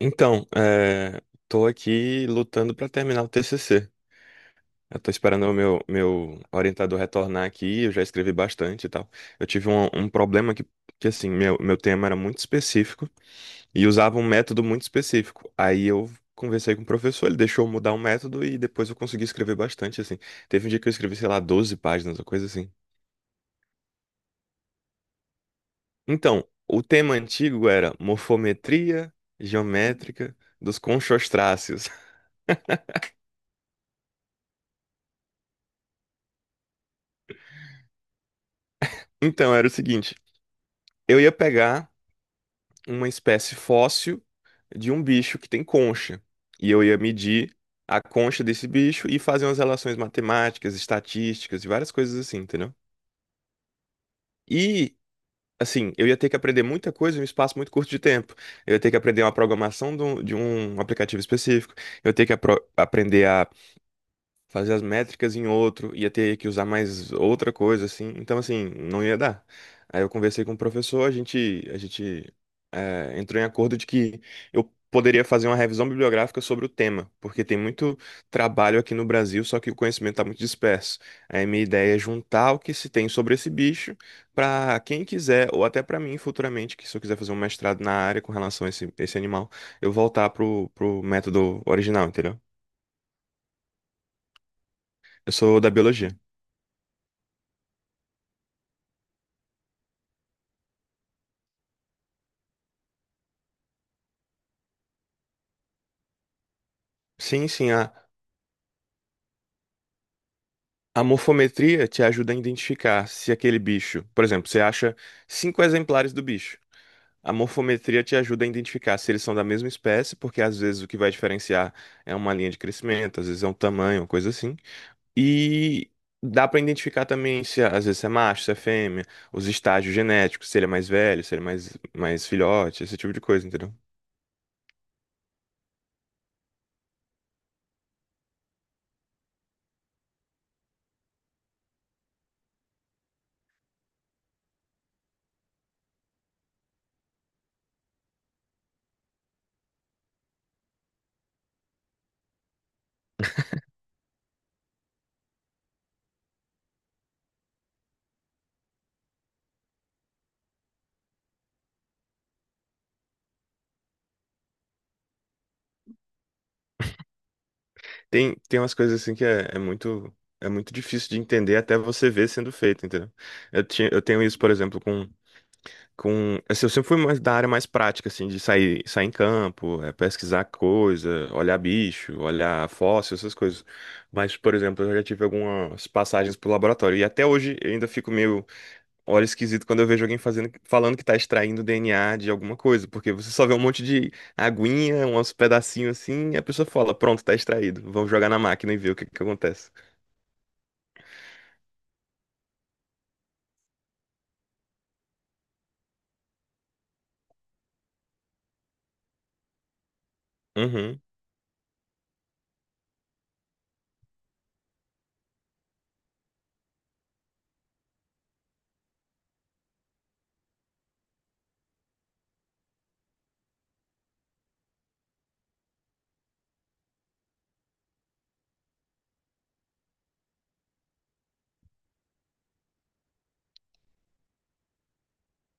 Então, tô aqui lutando para terminar o TCC. Eu tô esperando o meu orientador retornar aqui, eu já escrevi bastante e tal. Eu tive um problema que assim, meu tema era muito específico e usava um método muito específico. Aí eu conversei com o professor, ele deixou eu mudar o método e depois eu consegui escrever bastante, assim. Teve um dia que eu escrevi, sei lá, 12 páginas, uma coisa assim. Então, o tema antigo era morfometria geométrica dos conchostráceos. Então, era o seguinte. Eu ia pegar uma espécie fóssil de um bicho que tem concha. E eu ia medir a concha desse bicho e fazer umas relações matemáticas, estatísticas e várias coisas assim, entendeu? E, assim, eu ia ter que aprender muita coisa em um espaço muito curto de tempo. Eu ia ter que aprender uma programação de um aplicativo específico. Eu ia ter que aprender a fazer as métricas em outro, ia ter que usar mais outra coisa, assim. Então, assim, não ia dar. Aí eu conversei com o professor, a gente entrou em acordo de que eu poderia fazer uma revisão bibliográfica sobre o tema, porque tem muito trabalho aqui no Brasil, só que o conhecimento está muito disperso. Aí minha ideia é juntar o que se tem sobre esse bicho para quem quiser, ou até para mim futuramente, que se eu quiser fazer um mestrado na área com relação a esse animal, eu voltar pro método original, entendeu? Eu sou da biologia. Sim, sim, a morfometria te ajuda a identificar se aquele bicho, por exemplo, você acha cinco exemplares do bicho. A morfometria te ajuda a identificar se eles são da mesma espécie, porque às vezes o que vai diferenciar é uma linha de crescimento, às vezes é um tamanho, uma coisa assim. E dá para identificar também se às vezes se é macho, se é fêmea, os estágios genéticos, se ele é mais velho, se ele é mais filhote, esse tipo de coisa, entendeu? Tem umas coisas assim que é muito difícil de entender até você ver sendo feito, entendeu? Eu tinha, eu tenho isso, por exemplo, com assim, eu sempre fui mais da área mais prática assim, de sair em campo, é, pesquisar coisa, olhar bicho, olhar fóssil, essas coisas. Mas, por exemplo, eu já tive algumas passagens pro laboratório e até hoje eu ainda fico meio olho esquisito quando eu vejo alguém fazendo, falando que tá extraindo DNA de alguma coisa, porque você só vê um monte de aguinha, uns pedacinhos assim, e a pessoa fala, pronto, tá extraído. Vamos jogar na máquina e ver o que que acontece. Uhum.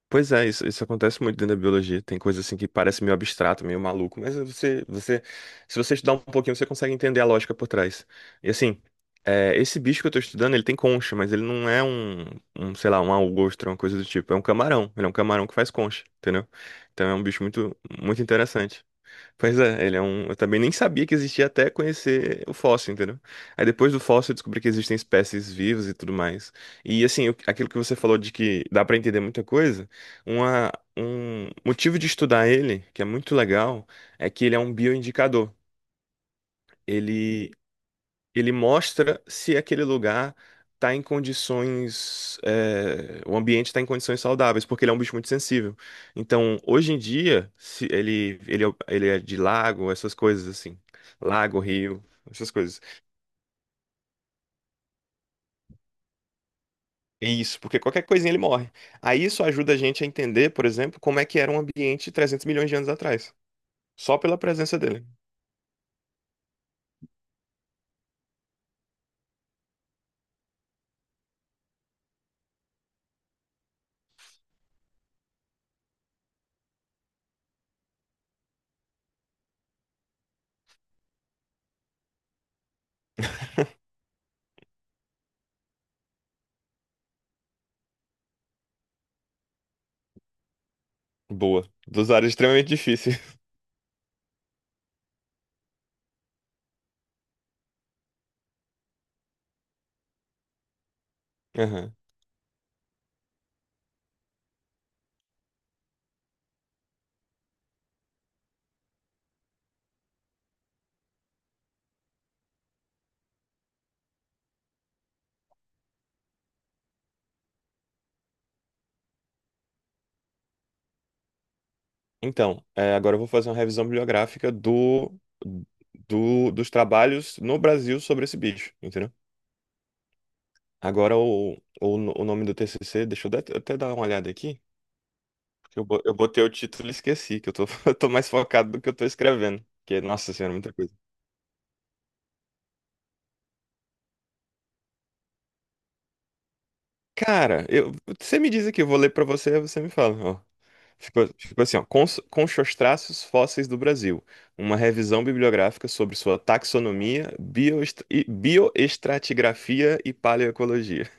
Pois é, isso acontece muito dentro da biologia. Tem coisa assim que parece meio abstrato, meio maluco, mas você, se você estudar um pouquinho, você consegue entender a lógica por trás. E assim, é, esse bicho que eu tô estudando, ele tem concha, mas ele não é um, sei lá, um algostra, uma coisa do tipo. É um camarão. Ele é um camarão que faz concha, entendeu? Então é um bicho muito, muito interessante. Pois é, ele é um. Eu também nem sabia que existia até conhecer o fóssil, entendeu? Aí depois do fóssil eu descobri que existem espécies vivas e tudo mais. E assim, o- aquilo que você falou de que dá pra entender muita coisa, uma, um motivo de estudar ele, que é muito legal, é que ele é um bioindicador. Ele ele mostra se aquele lugar está em condições, é, o ambiente está em condições saudáveis, porque ele é um bicho muito sensível. Então, hoje em dia, se ele, ele é de lago, essas coisas assim, lago, rio, essas coisas. É, isso, porque qualquer coisinha ele morre. Aí isso ajuda a gente a entender, por exemplo, como é que era um ambiente 300 milhões de anos atrás, só pela presença dele. Boa. Dos áreas extremamente difíceis. Então, é, agora eu vou fazer uma revisão bibliográfica do, do- dos trabalhos no Brasil sobre esse bicho, entendeu? Agora o, no- o nome do TCC, deixa eu dar- até dar uma olhada aqui, porque eu, bo- eu botei o título e esqueci, que eu tô, eu tô mais focado do que eu tô escrevendo, que, nossa senhora, muita coisa. Cara, eu, você me diz aqui, eu vou ler pra você, aí você me fala. Ficou, ficou assim, ó, com seus traços fósseis do Brasil, uma revisão bibliográfica sobre sua taxonomia, bioest- e- bioestratigrafia e paleoecologia.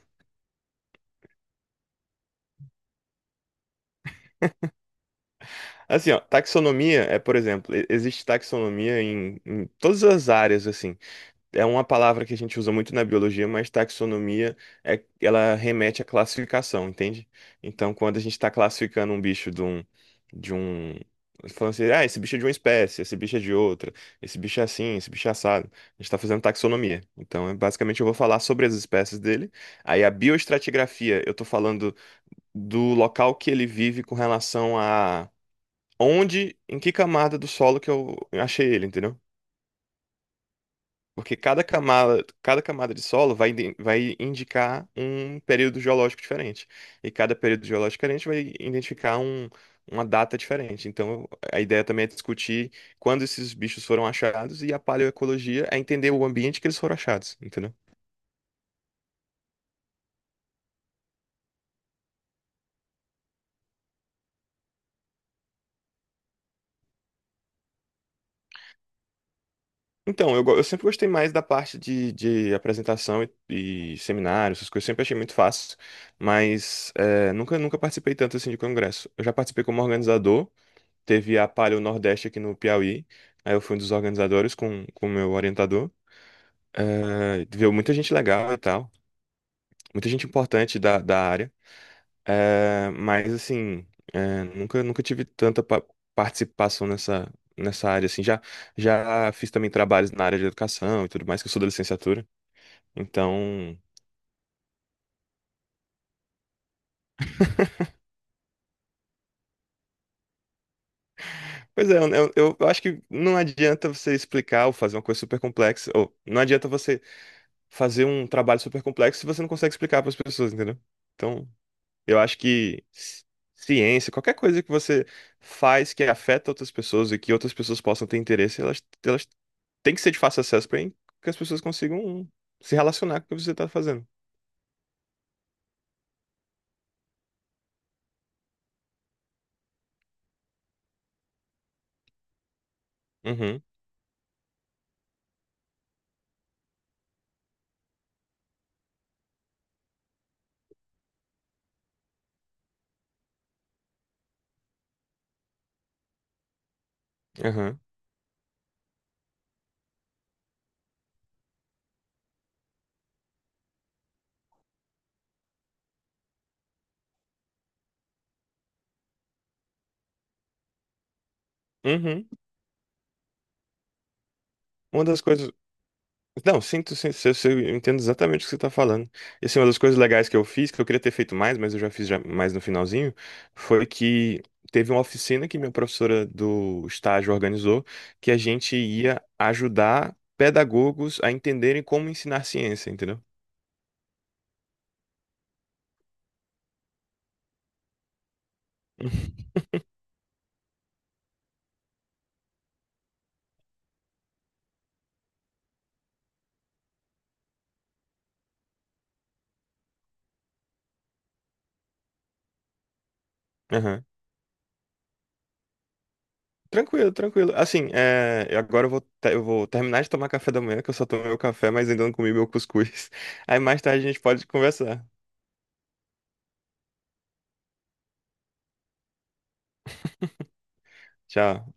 Assim, ó, taxonomia é, por exemplo, e- existe taxonomia em todas as áreas, assim, é uma palavra que a gente usa muito na biologia, mas taxonomia é, ela remete à classificação, entende? Então, quando a gente está classificando um bicho de um, de um, falando assim, ah, esse bicho é de uma espécie, esse bicho é de outra, esse bicho é assim, esse bicho é assado, a gente está fazendo taxonomia. Então, é, basicamente, eu vou falar sobre as espécies dele. Aí, a bioestratigrafia, eu estou falando do local que ele vive com relação a onde, em que camada do solo que eu achei ele, entendeu? Porque cada camada de solo vai, iden- vai indicar um período geológico diferente. E cada período geológico diferente vai identificar um- uma data diferente. Então, a ideia também é discutir quando esses bichos foram achados e a paleoecologia é entender o ambiente que eles foram achados, entendeu? Então, eu, go- eu sempre gostei mais da parte de apresentação e seminários, essas coisas, eu sempre achei muito fácil, mas é, nunca, nunca participei tanto assim de congresso. Eu já participei como organizador. Teve a Palio Nordeste aqui no Piauí. Aí eu fui um dos organizadores com o meu orientador. É, viu muita gente legal e tal. Muita gente importante da área. É, mas, assim, é, nunca, nunca tive tanta participação nessa área, assim. Já, já fiz também trabalhos na área de educação e tudo mais, que eu sou da licenciatura. Então... Pois é, eu acho que não adianta você explicar ou fazer uma coisa super complexa, ou não adianta você fazer um trabalho super complexo se você não consegue explicar para as pessoas, entendeu? Então, eu acho que ciência, qualquer coisa que você faz que afeta outras pessoas e que outras pessoas possam ter interesse, elas têm que ser de fácil acesso para que as pessoas consigam se relacionar com o que você está fazendo. Uhum, uhum, uhum. Uma das coisas. Não, sinto, sim, eu entendo exatamente o que você está falando. E assim, uma das coisas legais que eu fiz, que eu queria ter feito mais, mas eu já fiz já mais no finalzinho, foi que teve uma oficina que minha professora do estágio organizou, que a gente ia ajudar pedagogos a entenderem como ensinar ciência, entendeu? Aham. Tranquilo, tranquilo. Assim, é, eu agora eu vou, te- eu vou terminar de tomar café da manhã, que eu só tomei meu café, mas ainda não comi meu cuscuz. Aí mais tarde a gente pode conversar. Tchau.